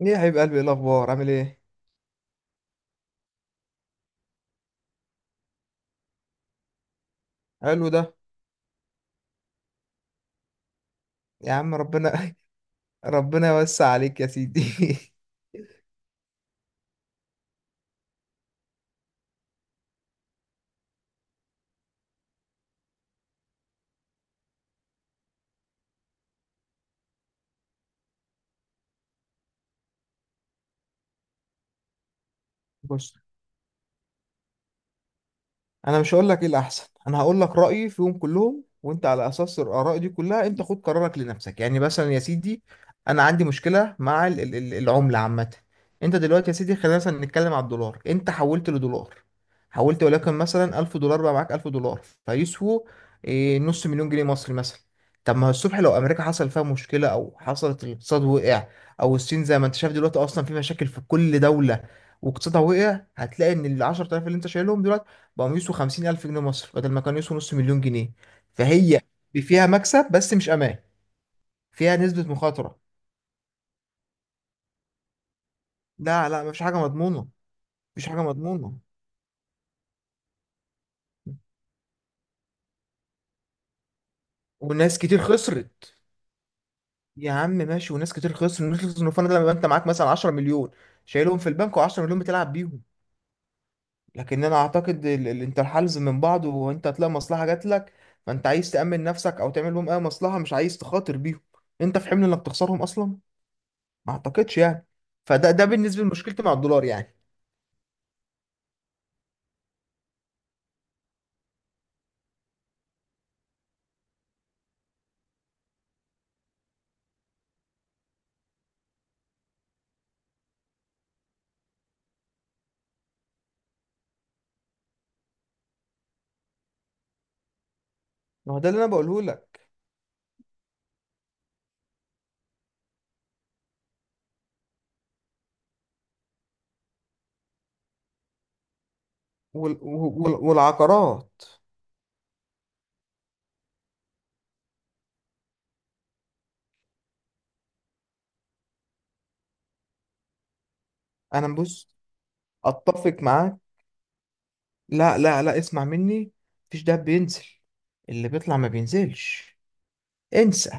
ايه يا حبيب قلبي، ايه الاخبار؟ عامل ايه؟ حلو ده. يا عم ربنا ربنا يوسع عليك يا سيدي. بص، انا مش هقول لك ايه الاحسن، انا هقول لك رايي فيهم كلهم وانت على اساس الاراء دي كلها انت خد قرارك لنفسك. يعني مثلا يا سيدي، انا عندي مشكله مع العمله عامه. انت دلوقتي يا سيدي خلينا مثلا نتكلم على الدولار. انت حولت لدولار، حولت ولكن مثلا 1000 دولار. بقى معاك 1000 دولار فيسووا نص مليون جنيه مصري مثلا. طب ما الصبح لو امريكا حصل فيها مشكله او حصلت الاقتصاد وقع، او الصين زي ما انت شايف دلوقتي اصلا في مشاكل في كل دوله واقتصادها وقع، هتلاقي ان ال 10000 اللي انت شايلهم دلوقتي بقوا يسوا 50 ألف جنيه مصر بدل ما كانوا يسوا نص مليون جنيه. فهي فيها مكسب بس مش أمان، فيها نسبة مخاطرة. لا لا، مفيش حاجة مضمونة. مفيش حاجة مضمونة وناس كتير خسرت. يا عم ماشي، وناس كتير خسرت. الناس اللي خسرت ده لما انت معاك مثلا 10 مليون شايلهم في البنك و10 مليون بتلعب بيهم. لكن انا اعتقد انت الحلز من بعض وانت هتلاقي مصلحة جات لك. فانت عايز تأمن نفسك او تعمل لهم اي مصلحة، مش عايز تخاطر بيهم. انت في حمل انك تخسرهم اصلا؟ ما اعتقدش يعني. فده بالنسبة لمشكلتي مع الدولار يعني. ما هو ده اللي انا بقوله لك. والعقارات. انا بص، اتفق معاك. لا لا لا، اسمع مني، مفيش دهب بينزل. اللي بيطلع ما بينزلش. انسى.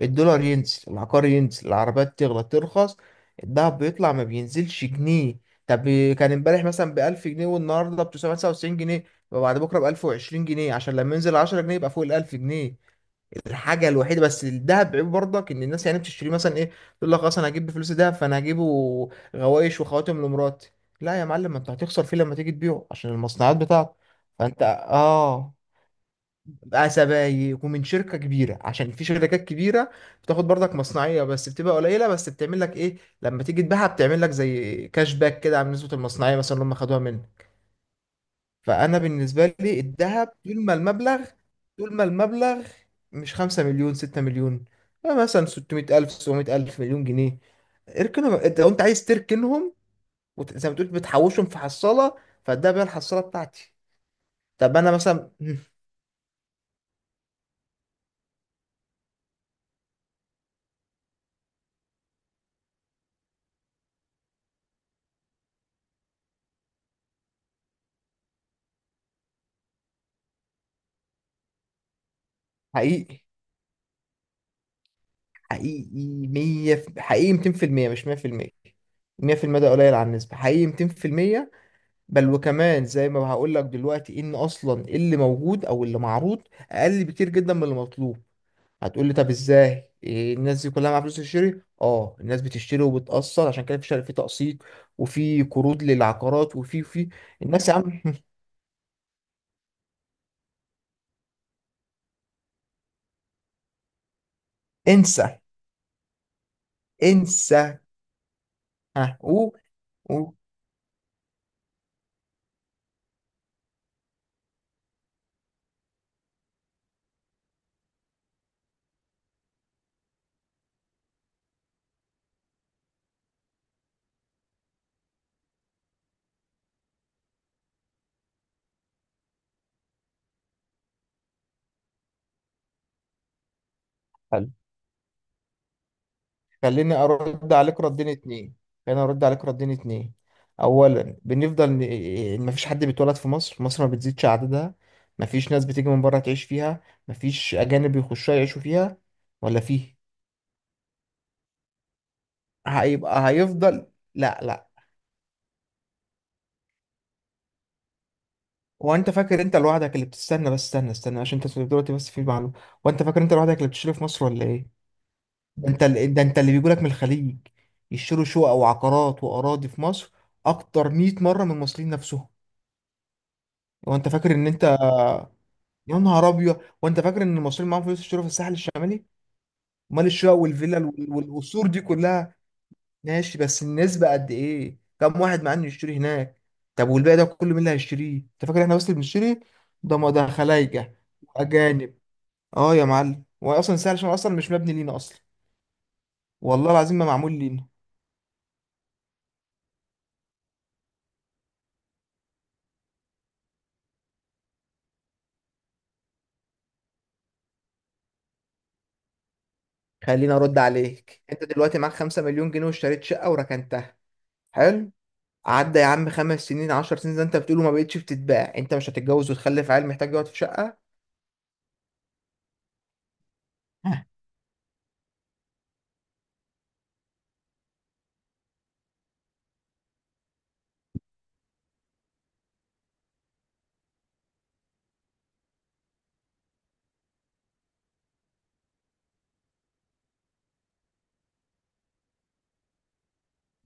الدولار ينزل، العقار ينزل، العربيات تغلى ترخص، الدهب بيطلع ما بينزلش جنيه. طب، كان امبارح مثلا ب 1000 جنيه والنهارده ب 999 جنيه وبعد بكره ب 1020 جنيه، عشان لما ينزل 10 جنيه يبقى فوق ال 1000 جنيه. الحاجه الوحيده بس الذهب عيب برضك ان الناس يعني بتشتريه مثلا ايه، تقول لك خلاص انا هجيب بفلوس الذهب، فانا هجيبه غوايش وخواتم لمراتي. لا يا معلم، ما انت هتخسر فيه لما تيجي تبيعه عشان المصنعات بتاعته. فانت اه، بقى سبايك ومن شركه كبيره، عشان في شركات كبيره بتاخد برضك مصنعيه بس بتبقى قليله، بس بتعمل لك ايه لما تيجي تبيعها، بتعمل لك زي كاش باك كده على نسبه المصنعيه مثلا اللي هم خدوها منك. فانا بالنسبه لي الذهب طول ما المبلغ، طول ما المبلغ مش 5 مليون 6 مليون، مثلا 600 الف 700 الف مليون جنيه، اركنهم. انت لو انت عايز تركنهم زي ما تقول بتحوشهم في حصاله، فالدهب هي الحصاله بتاعتي. طب انا مثلا حقيقي. حقيقي حقيقي 200%، مش 100%. 100% ده قليل على النسبة، حقيقي 200%. بل وكمان زي ما هقول لك دلوقتي، ان اصلا اللي موجود او اللي معروض اقل بكتير جدا من اللي مطلوب. هتقول لي طب ازاي؟ إيه الناس دي كلها معاها فلوس تشتري؟ اه، الناس بتشتري وبتقسط، عشان كده في في تقسيط وفي قروض للعقارات وفي في الناس، يا عم انسى انسى. ها قول، قول. حلو. خليني ارد عليك ردين اتنين، خليني ارد عليك ردين اتنين. اولا، مفيش حد بيتولد في مصر، مصر ما بتزيدش عددها. مفيش ناس بتيجي من بره تعيش فيها، مفيش اجانب بيخشوا يعيشوا فيها، ولا فيه. هيبقى هيفضل، لا لا. وانت فاكر انت لوحدك اللي بتستنى؟ بس استنى استنى عشان انت دلوقتي بس في معلومه. وانت فاكر انت لوحدك اللي بتشتري في مصر ولا ايه؟ ده انت اللي بيجولك من الخليج يشتروا شقق وعقارات واراضي في مصر اكتر 100 مره من المصريين نفسهم. وانت فاكر ان انت، يا نهار ابيض، وانت فاكر ان المصريين معاهم فلوس يشتروا في الساحل الشمالي؟ امال الشقق والفيلل والقصور دي كلها؟ ماشي، بس النسبه قد ايه؟ كم واحد معاه انه يشتري هناك؟ طب والباقي ده كله مين اللي هيشتريه؟ انت فاكر احنا بس اللي بنشتري؟ ده ما ده خلايجه، اجانب. اه يا معلم، هو اصلا سهل عشان هو اصلا مش مبني لينا اصلا. والله العظيم ما معمول لينا. خليني ارد عليك، انت دلوقتي معاك 5 مليون جنيه واشتريت شقه وركنتها. حلو. عدى يا عم خمس سنين 10 سنين زي انت بتقوله، ما بقتش بتتباع؟ انت مش هتتجوز وتخلف عيل محتاج يقعد في شقه؟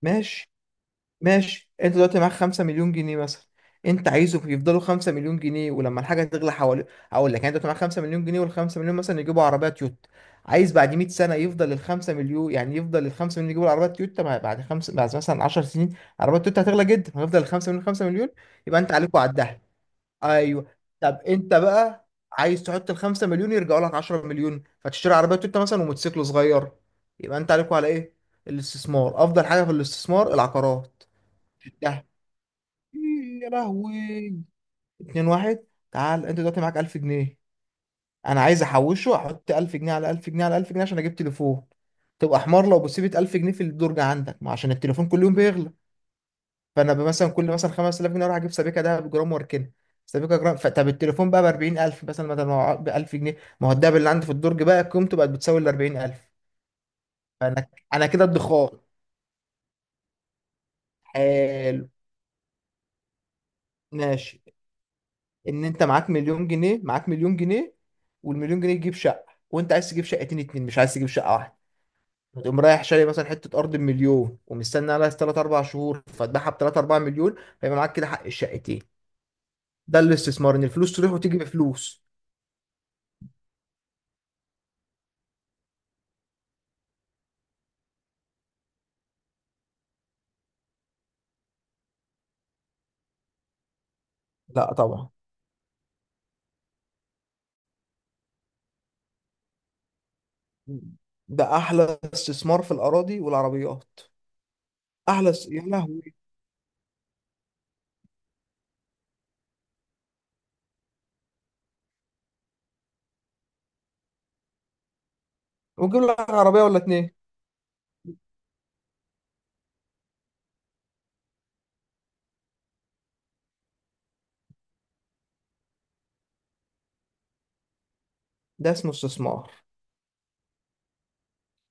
ماشي ماشي. انت دلوقتي معاك 5 مليون جنيه مثلا، انت عايزه يفضلوا 5 مليون جنيه ولما الحاجه تغلى حوالي. هقول لك، يعني انت دلوقتي معاك 5 مليون جنيه وال 5 مليون مثلا يجيبوا عربيه تويوتا، عايز بعد 100 سنه يفضل ال 5 مليون يعني يفضل ال 5 مليون يجيبوا العربيه تويوتا. ما بعد خمس بعد مثلا 10 سنين عربيه تويوتا هتغلى جدا، هيفضل ال 5 مليون 5 مليون؟ يبقى انت عليك وعدها. ايوه. طب انت بقى عايز تحط ال 5 مليون يرجعوا لك 10 مليون فتشتري عربيه تويوتا مثلا وموتوسيكل صغير؟ يبقى انت عليكوا على ايه؟ الاستثمار. افضل حاجه في الاستثمار العقارات. ده إيه يا لهوي. 2 1. تعال، انت دلوقتي معاك 1000 جنيه، انا عايز احوشه احط 1000 جنيه على 1000 جنيه على 1000 جنيه عشان اجيب تليفون. تبقى حمار لو بسيبت 1000 جنيه في الدرج عندك، ما عشان التليفون كل يوم بيغلى. فانا مثلا كل مثلا 5000 جنيه اروح اجيب سبيكه ده بجرام واركنها، سبيكه جرام. فطب التليفون بقى ب 40000 مثلا بدل ما ب 1000 جنيه، ما هو الدهب اللي عندي في الدرج بقى قيمته بقت بتساوي ال 40000. فانا انا كده ادخار. حلو. ماشي. ان انت معاك مليون جنيه، معاك مليون جنيه والمليون جنيه تجيب شقه وانت عايز تجيب شقتين اتنين مش عايز تجيب شقه واحده، فتقوم رايح شاري مثلا حته ارض بمليون ومستني عليها 3 4 شهور فتبيعها ب 3 4 مليون، فيبقى معاك كده حق الشقتين. ده الاستثمار، ان الفلوس تروح وتيجي بفلوس. لا طبعا. ده احلى استثمار في الاراضي والعربيات. احلى يا لهوي، وتجيب لك عربيه ولا اتنين. ده اسمه استثمار.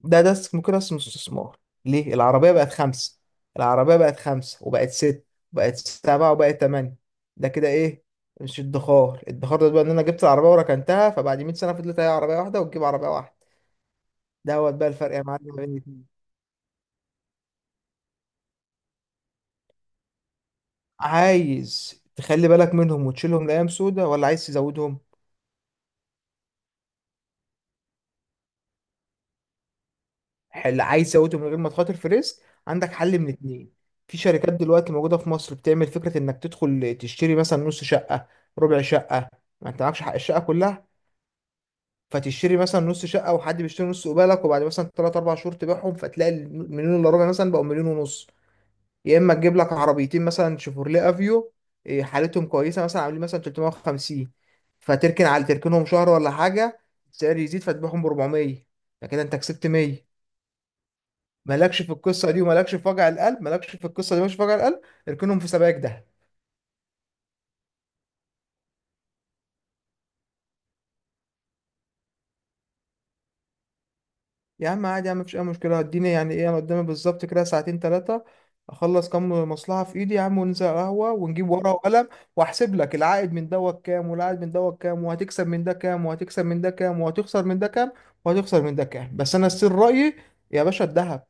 ممكن اسمه استثمار. ليه العربية بقت خمسة؟ العربية بقت خمسة وبقت ست وبقت سبعة وبقت تمانية، ده كده ايه؟ مش ادخار. الادخار ده بقى ان انا جبت العربية وركنتها فبعد 100 سنة فضلت هي عربية واحدة وتجيب عربية واحدة. ده هو بقى الفرق يا معلم بين الاتنين. عايز تخلي بالك منهم وتشيلهم لأيام سودة ولا عايز تزودهم؟ حل. عايز تزودهم من غير ما تخاطر في ريسك؟ عندك حل من اتنين. في شركات دلوقتي موجودة في مصر بتعمل فكرة انك تدخل تشتري مثلا نص شقة، ربع شقة، ما انت معكش حق الشقة كلها، فتشتري مثلا نص شقه وحد بيشتري نص قبالك وبعد مثلا 3 4 شهور تبيعهم، فتلاقي المليون الا ربع مثلا بقوا مليون ونص. يا اما تجيب لك عربيتين مثلا شيفورليه افيو، حالتهم كويسه مثلا عاملين مثلا 350، فتركن على تركنهم شهر ولا حاجه، السعر يزيد فتبيعهم ب 400، فكده انت كسبت 100. مالكش في القصه دي، ومالكش في وجع القلب. مالكش في القصه دي، مالكش في وجع القلب. اركنهم في سبائك ده. يا عم عادي، يا عم مفيش اي مشكله، اديني يعني ايه انا قدامي بالظبط كده ساعتين ثلاثه، اخلص كام مصلحه في ايدي يا عم وننزل على القهوه ونجيب ورقه وقلم واحسب لك العائد من دوت كام والعائد من دوت كام، وهتكسب من ده كام وهتكسب من ده كام، وهتخسر من ده كام وهتخسر من ده كام. بس انا السر رايي يا باشا الذهب.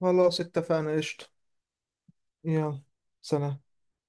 خلاص اتفقنا قشطه. يلا سلام.